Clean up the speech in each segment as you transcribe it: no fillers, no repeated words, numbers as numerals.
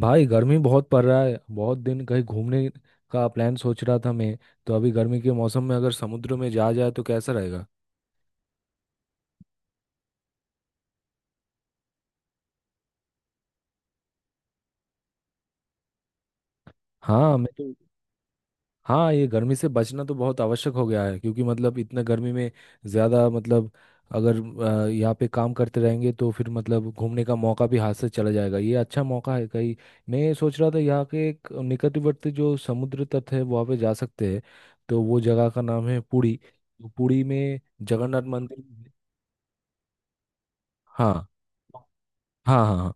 भाई गर्मी बहुत पड़ रहा है। बहुत दिन कहीं घूमने का प्लान सोच रहा था मैं। तो अभी गर्मी के मौसम में अगर समुद्र में जा जाए तो कैसा रहेगा? हाँ मैं तो, हाँ ये गर्मी से बचना तो बहुत आवश्यक हो गया है, क्योंकि मतलब इतना गर्मी में ज़्यादा मतलब अगर यहाँ पे काम करते रहेंगे तो फिर मतलब घूमने का मौका भी हाथ से चला जाएगा। ये अच्छा मौका है कहीं। मैं सोच रहा था यहाँ के एक निकटवर्ती जो समुद्र तट है वहाँ पे जा सकते हैं। तो वो जगह का नाम है पुरी। तो पुरी में जगन्नाथ मंदिर। हाँ हाँ। हाँ हाँ।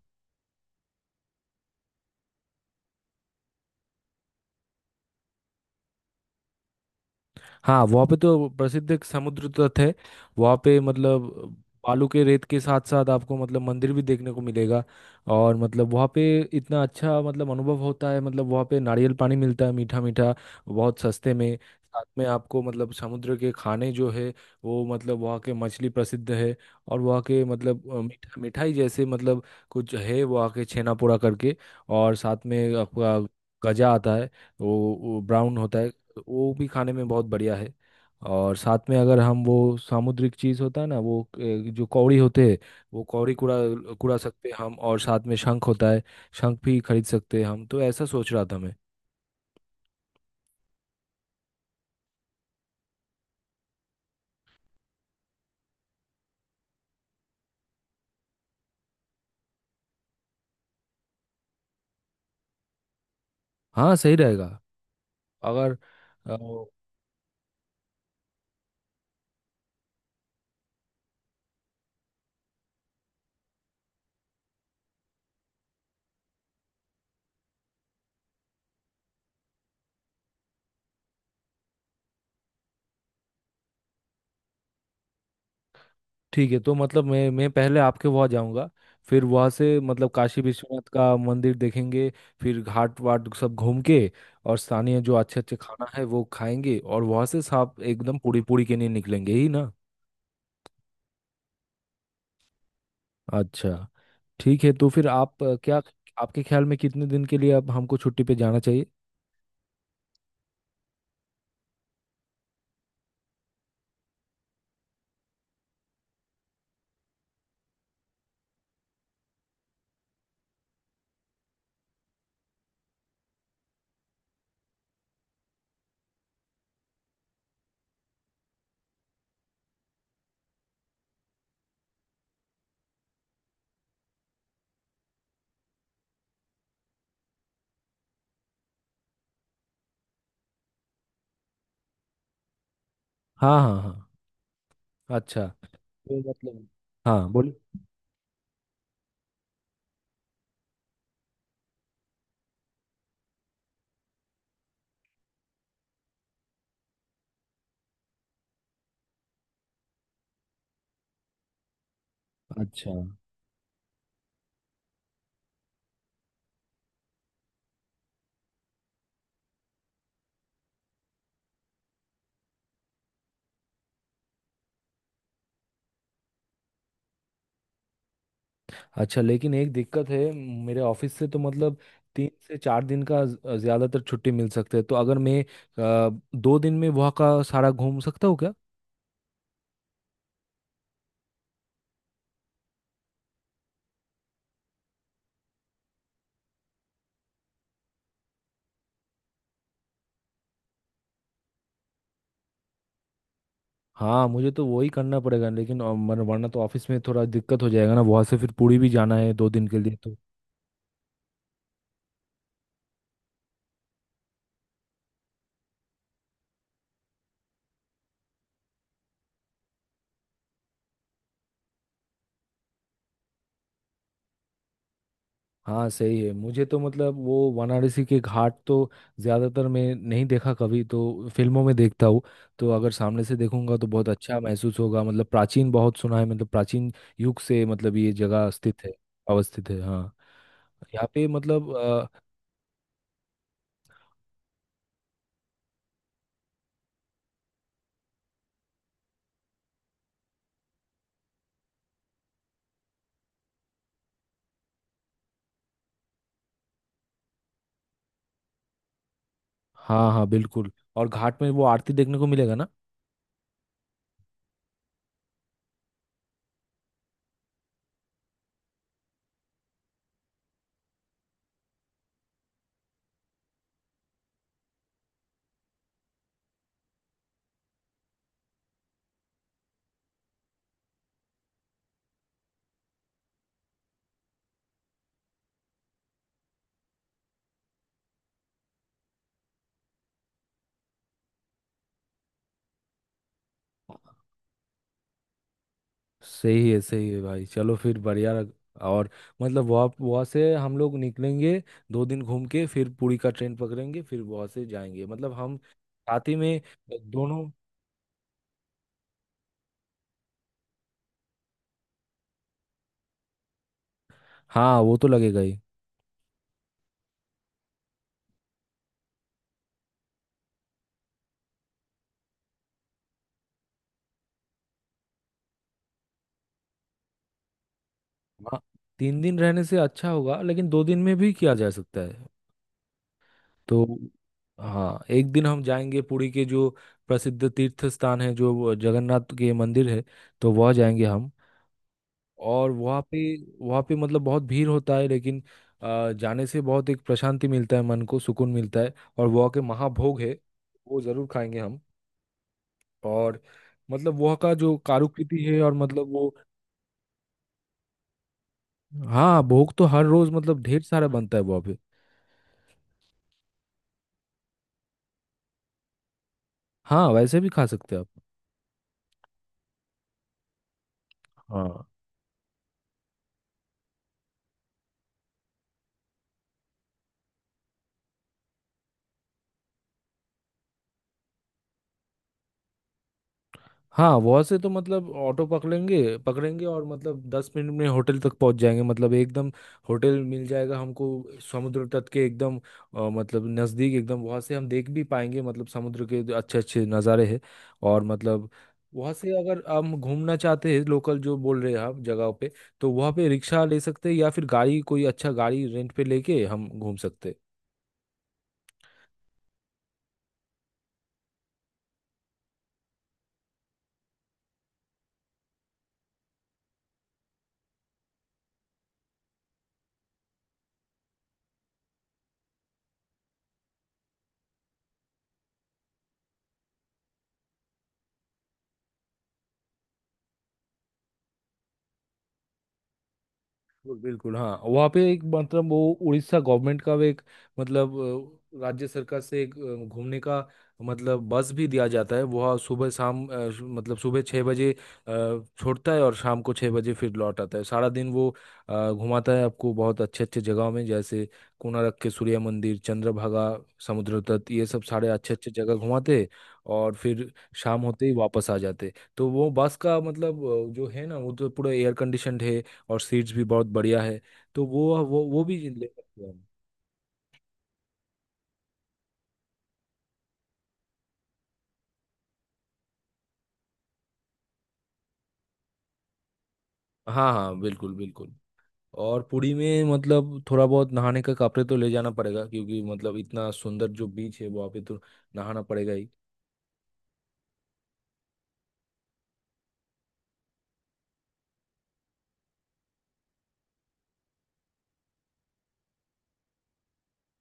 हाँ वहाँ पे तो प्रसिद्ध एक समुद्र तट है। वहाँ पे मतलब बालू के रेत के साथ साथ आपको मतलब मंदिर भी देखने को मिलेगा। और मतलब वहाँ पे इतना अच्छा मतलब अनुभव होता है। मतलब वहाँ पे नारियल पानी मिलता है मीठा मीठा, बहुत सस्ते में। साथ में आपको मतलब समुद्र के खाने जो है वो, मतलब वहाँ के मछली प्रसिद्ध है। और वहाँ के मतलब मिठा मिठाई जैसे मतलब कुछ है वहाँ के, छेना पोड़ा करके। और साथ में आपका गजा आता है, वो ब्राउन होता है। तो वो भी खाने में बहुत बढ़िया है। और साथ में अगर हम वो सामुद्रिक चीज़ होता है ना, वो जो कौड़ी होते हैं वो कौड़ी कुड़ा कुड़ा सकते हैं हम। और साथ में शंख होता है, शंख भी खरीद सकते हैं हम। तो ऐसा सोच रहा था मैं। हाँ सही रहेगा अगर अ, ठीक है। तो मतलब मैं पहले आपके वहाँ जाऊँगा, फिर वहाँ से मतलब काशी विश्वनाथ का मंदिर देखेंगे, फिर घाट वाट सब घूम के और स्थानीय जो अच्छे अच्छे खाना है वो खाएंगे, और वहाँ से साफ एकदम पूरी पूरी के लिए निकलेंगे ही ना। अच्छा, ठीक है। तो फिर आप क्या आपके ख्याल में कितने दिन के लिए अब हमको छुट्टी पे जाना चाहिए? हाँ हाँ हाँ। अच्छा। तो मतलब हाँ, बोल। अच्छा, अच्छा, लेकिन एक दिक्कत है। मेरे ऑफिस से तो मतलब 3 से 4 दिन का ज्यादातर छुट्टी मिल सकते हैं। तो अगर मैं 2 दिन में वहाँ का सारा घूम सकता हूँ क्या? हाँ मुझे तो वही करना पड़ेगा, लेकिन वरना तो ऑफिस में थोड़ा दिक्कत हो जाएगा ना। वहाँ से फिर पुरी भी जाना है 2 दिन के लिए तो। हाँ सही है। मुझे तो मतलब वो वाराणसी के घाट तो ज़्यादातर मैं नहीं देखा कभी, तो फिल्मों में देखता हूँ। तो अगर सामने से देखूंगा तो बहुत अच्छा महसूस होगा। मतलब प्राचीन बहुत सुना है, मतलब प्राचीन युग से मतलब ये जगह स्थित है, अवस्थित है। हाँ यहाँ पे मतलब हाँ हाँ बिल्कुल। और घाट में वो आरती देखने को मिलेगा ना? सही है, सही है भाई। चलो फिर बढ़िया। और मतलब वहाँ वहाँ से हम लोग निकलेंगे, 2 दिन घूम के फिर पुरी का ट्रेन पकड़ेंगे, फिर वहाँ से जाएंगे मतलब हम साथ ही में दोनों। हाँ वो तो लगेगा ही। हाँ 3 दिन रहने से अच्छा होगा, लेकिन 2 दिन में भी किया जा सकता है। तो हाँ एक दिन हम जाएंगे पुरी के जो प्रसिद्ध तीर्थ स्थान है, जो वो जगन्नाथ के मंदिर है, तो वह जाएंगे हम। और वहाँ पे, वहाँ पे मतलब बहुत भीड़ होता है, लेकिन जाने से बहुत एक प्रशांति मिलता है, मन को सुकून मिलता है। और वहाँ के महाभोग है, वो जरूर खाएंगे हम। और मतलब वहाँ का जो कारुकृति है और मतलब वो, हाँ भोग तो हर रोज मतलब ढेर सारा बनता है वहाँ पे। हाँ वैसे भी खा सकते हैं आप। हाँ हाँ। वहाँ से तो मतलब ऑटो पकड़ेंगे पकड़ेंगे और मतलब 10 मिनट में होटल तक पहुँच जाएंगे। मतलब एकदम होटल मिल जाएगा हमको, समुद्र तट के एकदम मतलब नज़दीक एकदम। वहाँ से हम देख भी पाएंगे मतलब समुद्र के अच्छे अच्छे नज़ारे हैं। और मतलब वहाँ से अगर हम घूमना चाहते हैं लोकल जो बोल रहे हैं आप जगहों पे, तो वहाँ पे रिक्शा ले सकते हैं, या फिर गाड़ी कोई अच्छा गाड़ी रेंट पे लेके हम घूम सकते हैं। बिल्कुल बिल्कुल, हाँ वहाँ पे एक मतलब वो उड़ीसा गवर्नमेंट का एक मतलब राज्य सरकार से एक घूमने का मतलब बस भी दिया जाता है। वह सुबह शाम मतलब सुबह 6 बजे छोड़ता है, और शाम को 6 बजे फिर लौट आता है। सारा दिन वो घुमाता है आपको बहुत अच्छे अच्छे जगहों में, जैसे कोणार्क के सूर्य मंदिर, चंद्रभागा समुद्र तट, ये सब सारे अच्छे अच्छे जगह घुमाते हैं। और फिर शाम होते ही वापस आ जाते हैं। तो वो बस का मतलब जो है ना वो तो पूरा एयर कंडीशनड है, और सीट्स भी बहुत बढ़िया है। तो वो वो भी ले सकते हैं हम। हाँ हाँ बिल्कुल बिल्कुल। और पुरी में मतलब थोड़ा बहुत नहाने का कपड़े तो ले जाना पड़ेगा, क्योंकि मतलब इतना सुंदर जो बीच है वहाँ पे तो नहाना पड़ेगा ही।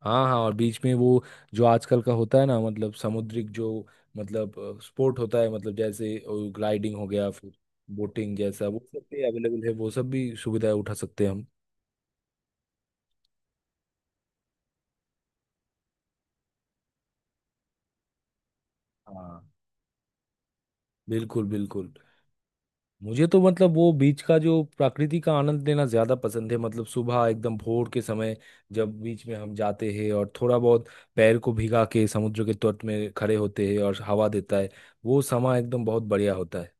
हाँ हाँ। और बीच में वो जो आजकल का होता है ना मतलब समुद्रिक जो मतलब स्पोर्ट होता है मतलब जैसे ग्लाइडिंग हो गया, फिर बोटिंग जैसा, वो सब भी अवेलेबल है, वो सब भी सुविधाएं उठा सकते हैं हम। हाँ बिल्कुल बिल्कुल, मुझे तो मतलब वो बीच का जो प्रकृति का आनंद लेना ज्यादा पसंद है। मतलब सुबह एकदम भोर के समय जब बीच में हम जाते हैं और थोड़ा बहुत पैर को भिगा के समुद्र के तट में खड़े होते हैं और हवा देता है, वो समय एकदम बहुत बढ़िया होता है।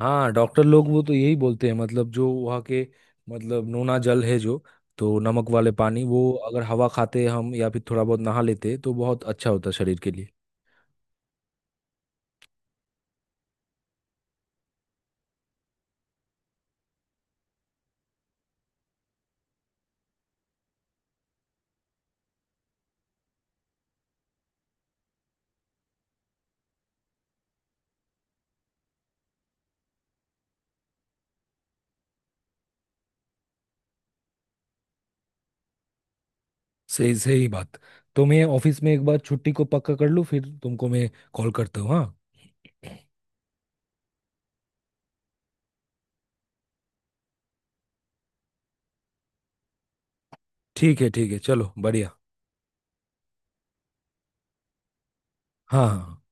हाँ डॉक्टर लोग वो तो यही बोलते हैं। मतलब जो वहाँ के मतलब नोना जल है जो, तो नमक वाले पानी वो अगर हवा खाते हम या फिर थोड़ा बहुत नहा लेते तो बहुत अच्छा होता शरीर के लिए। सही सही बात। तो मैं ऑफिस में एक बार छुट्टी को पक्का कर लूँ फिर तुमको मैं कॉल करता हूँ हाँ। ठीक है, ठीक है चलो बढ़िया। हाँ हाँ हाँ।